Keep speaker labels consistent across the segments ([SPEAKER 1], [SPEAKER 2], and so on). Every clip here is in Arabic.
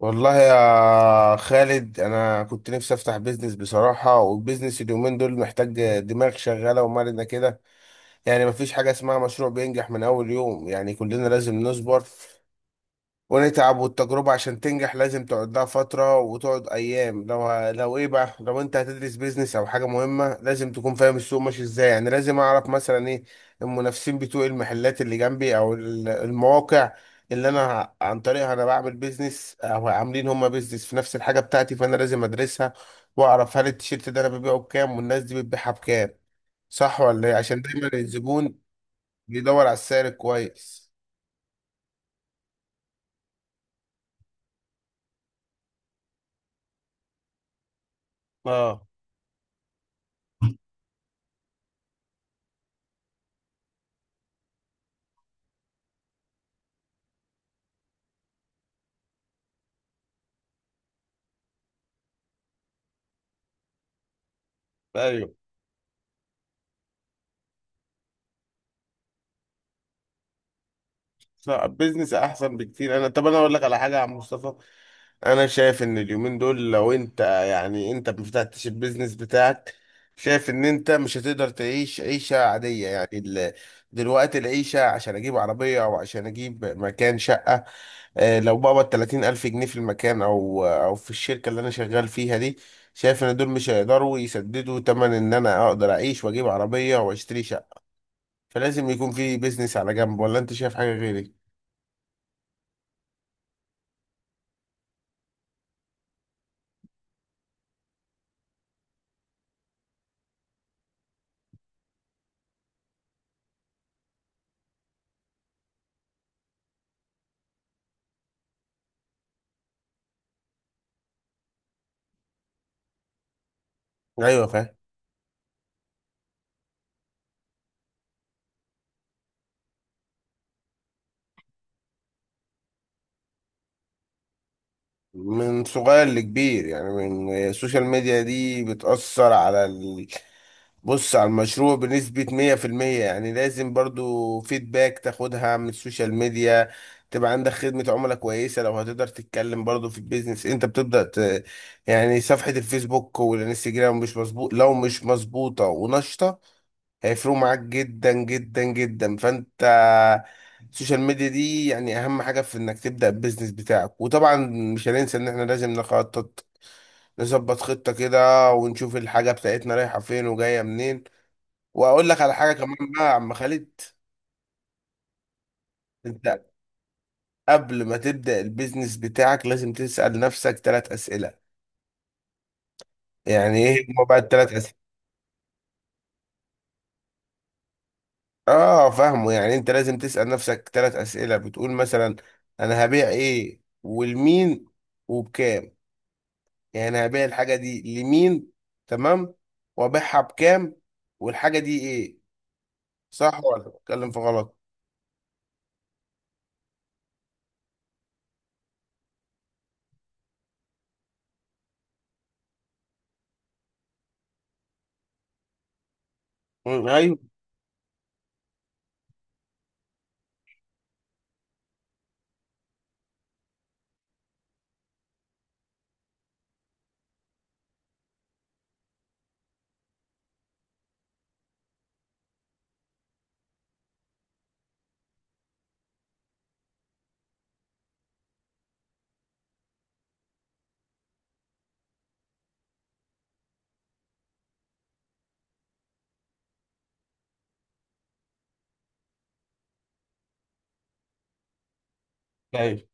[SPEAKER 1] والله يا خالد، انا كنت نفسي افتح بيزنس بصراحه. والبيزنس اليومين دول محتاج دماغ شغاله ومرنه كده. يعني مفيش حاجه اسمها مشروع بينجح من اول يوم، يعني كلنا لازم نصبر ونتعب. والتجربة عشان تنجح لازم تقعد لها فترة وتقعد أيام. لو إيه بقى، لو أنت هتدرس بيزنس أو حاجة مهمة لازم تكون فاهم السوق ماشي إزاي. يعني لازم أعرف مثلا إيه المنافسين بتوع المحلات اللي جنبي أو المواقع اللي أنا عن طريقها أنا بعمل بيزنس، أو عاملين هما بيزنس في نفس الحاجة بتاعتي. فأنا لازم أدرسها وأعرف هل التيشيرت ده أنا ببيعه بكام، والناس دي بتبيعها بكام. صح ولا إيه؟ عشان دايما الزبون بيدور على السعر الكويس. اه. ايوه. فبزنس احسن بكتير. طب انا اقول لك على حاجه يا عم مصطفى. انا شايف ان اليومين دول، لو انت، يعني انت ما فتحتش البيزنس بتاعك، شايف ان انت مش هتقدر تعيش عيشه عاديه. يعني دلوقتي العيشه، عشان اجيب عربيه او عشان اجيب مكان شقه، لو بقبض 30 الف جنيه في المكان او في الشركه اللي انا شغال فيها دي، شايف ان دول مش هيقدروا يسددوا تمن ان انا اقدر اعيش واجيب عربيه واشتري شقه. فلازم يكون في بيزنس على جنب. ولا انت شايف حاجه غيري؟ ايوه. من صغير لكبير، يعني من السوشيال ميديا دي بتأثر على بص، على المشروع بنسبة 100%، يعني لازم برضو فيدباك تاخدها من السوشيال ميديا، تبقى عندك خدمة عملاء كويسة. لو هتقدر تتكلم برضو في البيزنس انت بتبدأ يعني صفحة الفيسبوك والانستجرام، مش مظبوط لو مش مظبوطة ونشطة هيفرقوا معاك جدا جدا جدا. فانت السوشيال ميديا دي يعني اهم حاجه في انك تبدا البيزنس بتاعك. وطبعا مش هننسى ان احنا لازم نخطط، نظبط خطه كده ونشوف الحاجه بتاعتنا رايحه فين وجايه منين. واقول لك على حاجه كمان بقى يا عم خالد. انت قبل ما تبدا البيزنس بتاعك لازم تسال نفسك ثلاث اسئله. يعني ايه هما بقى الثلاث اسئله؟ اه، فاهمه. يعني انت لازم تسال نفسك ثلاث اسئله، بتقول مثلا انا هبيع ايه والمين وبكام. يعني انا هبيع الحاجه دي لمين؟ تمام. وابيعها بكام؟ والحاجه دي ايه؟ صح ولا بتكلم في غلط؟ مم، ايوه. ايوه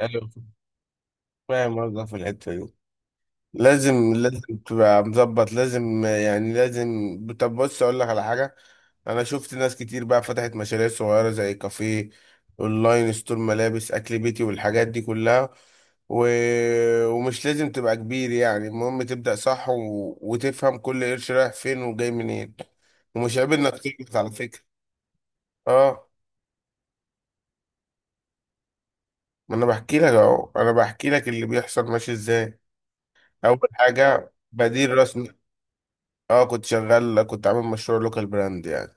[SPEAKER 1] ايوه. فاهم قصدك في الحته دي. لازم لازم تبقى مظبط، لازم يعني لازم. طب بص، اقول لك على حاجه. انا شفت ناس كتير بقى فتحت مشاريع صغيره زي كافيه، اونلاين ستور، ملابس، اكل بيتي، والحاجات دي كلها. و... ومش لازم تبقى كبير، يعني المهم تبدا صح و... وتفهم كل قرش رايح فين وجاي منين. ومش عيب انك تغلط على فكره. اه. ما انا بحكي لك اهو، انا بحكي لك اللي بيحصل ماشي ازاي. اول حاجه بديل راس. اه كنت عامل مشروع لوكال براند يعني.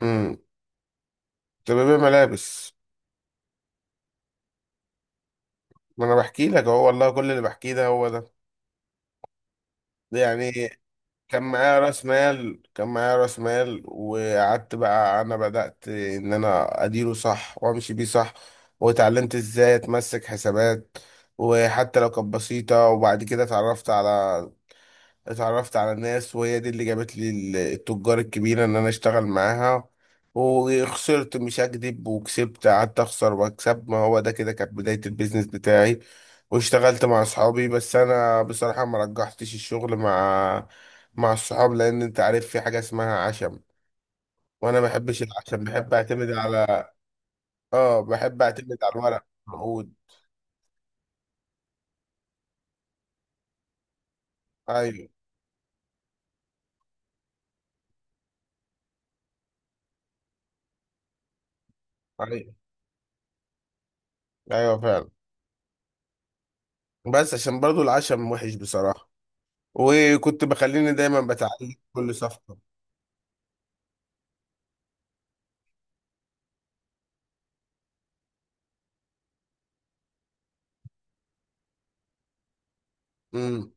[SPEAKER 1] امم كنت ببيع ملابس. ما انا بحكي لك اهو، والله كل اللي بحكيه ده هو ده. يعني كان معايا راس مال، وقعدت بقى، انا بدأت ان انا اديره صح وامشي بيه صح. واتعلمت ازاي اتمسك حسابات، وحتى لو كانت بسيطة. وبعد كده اتعرفت على ناس، وهي دي اللي جابت لي التجار الكبيرة ان انا اشتغل معاها. وخسرت مش هكدب وكسبت، قعدت اخسر واكسب. ما هو ده كده كانت بداية البيزنس بتاعي. واشتغلت مع اصحابي، بس انا بصراحة ما رجحتش الشغل مع الصحاب، لان انت عارف في حاجة اسمها عشم. وانا ما بحبش العشم، بحب اعتمد على، اه بحب اعتمد على الورق موجود. ايوه. ايوه ايوه فعلا. بس عشان برضو العشم وحش بصراحة. وكنت بخليني دايما بتعلم كل صفحة. امم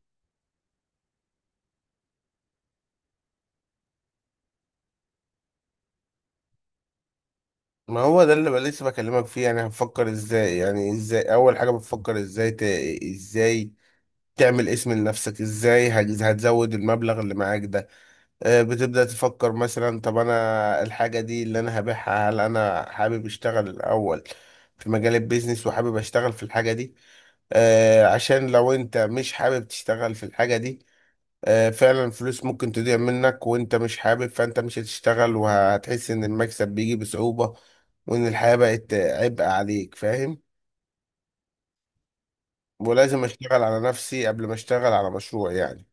[SPEAKER 1] ما هو ده اللي بقى لسه بكلمك فيه. يعني هنفكر ازاي، يعني ازاي، اول حاجة بتفكر ازاي ازاي تعمل اسم لنفسك، ازاي هتزود المبلغ اللي معاك ده. بتبدأ تفكر مثلا، طب انا الحاجة دي اللي انا هبيعها، هل انا حابب اشتغل الاول في مجال البيزنس وحابب اشتغل في الحاجة دي؟ عشان لو انت مش حابب تشتغل في الحاجة دي، فعلا الفلوس ممكن تضيع منك، وانت مش حابب فانت مش هتشتغل وهتحس ان المكسب بيجي بصعوبة، وان الحياة بقت عبء عليك. فاهم؟ ولازم اشتغل على نفسي قبل ما اشتغل على مشروع يعني.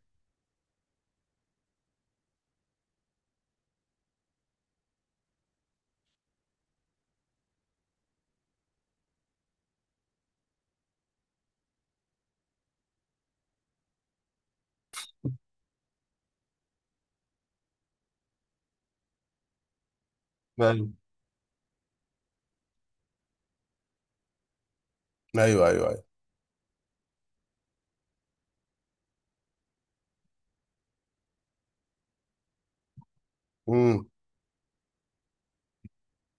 [SPEAKER 1] فاهم. ايوه. ايوه ايوه. امم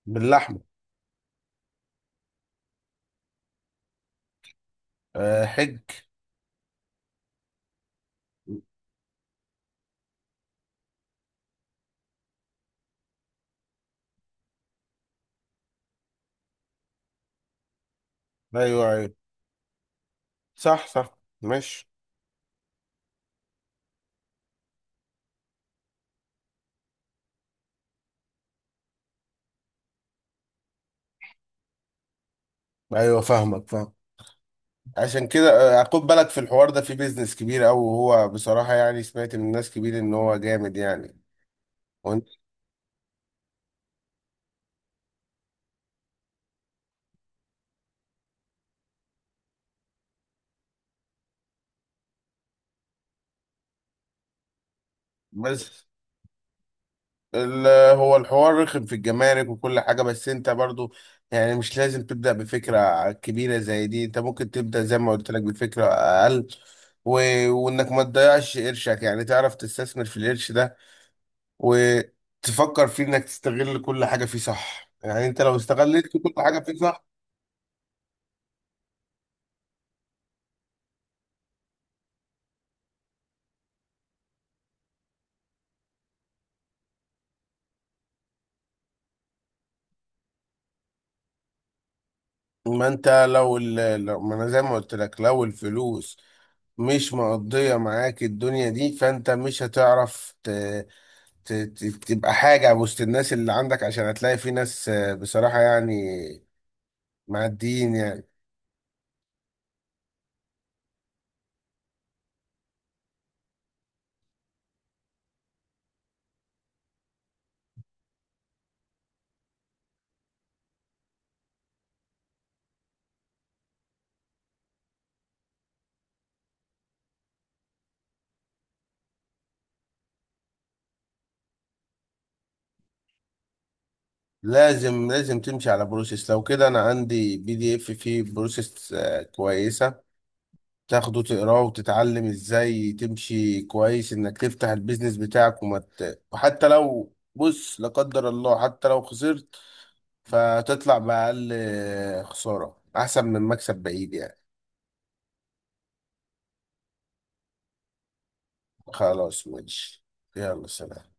[SPEAKER 1] باللحمة. أه، حج. ايوه ايوه. صح صح. ماشي. ايوه فاهمك، فاهم. عشان كده خد بالك، في الحوار ده في بيزنس كبير قوي، وهو بصراحة يعني سمعت من ناس كبير ان هو جامد يعني. وانت بس، ال- هو الحوار رخم في الجمارك وكل حاجة. بس انت برضو يعني مش لازم تبدأ بفكرة كبيرة زي دي. انت ممكن تبدأ زي ما قلت لك بفكرة أقل و... وانك ما تضيعش قرشك، يعني تعرف تستثمر في القرش ده وتفكر فيه انك تستغل كل حاجة فيه صح. يعني انت لو استغلت كل حاجة فيه صح. ما انت لو, ال... لو، ما انا زي ما قلت لك، لو الفلوس مش مقضية معاك الدنيا دي، فانت مش هتعرف ت- ت- تبقى حاجة وسط الناس اللي عندك، عشان هتلاقي في ناس بصراحة يعني معديين يعني. لازم لازم تمشي على بروسيس. لو كده أنا عندي PDF فيه بروسيس كويسة، تاخده تقراه وتتعلم إزاي تمشي كويس إنك تفتح البيزنس بتاعك. وما وحتى لو، بص، لا قدر الله، حتى لو خسرت فتطلع بأقل خسارة، أحسن من مكسب بعيد يعني. خلاص ماشي. يلا سلام.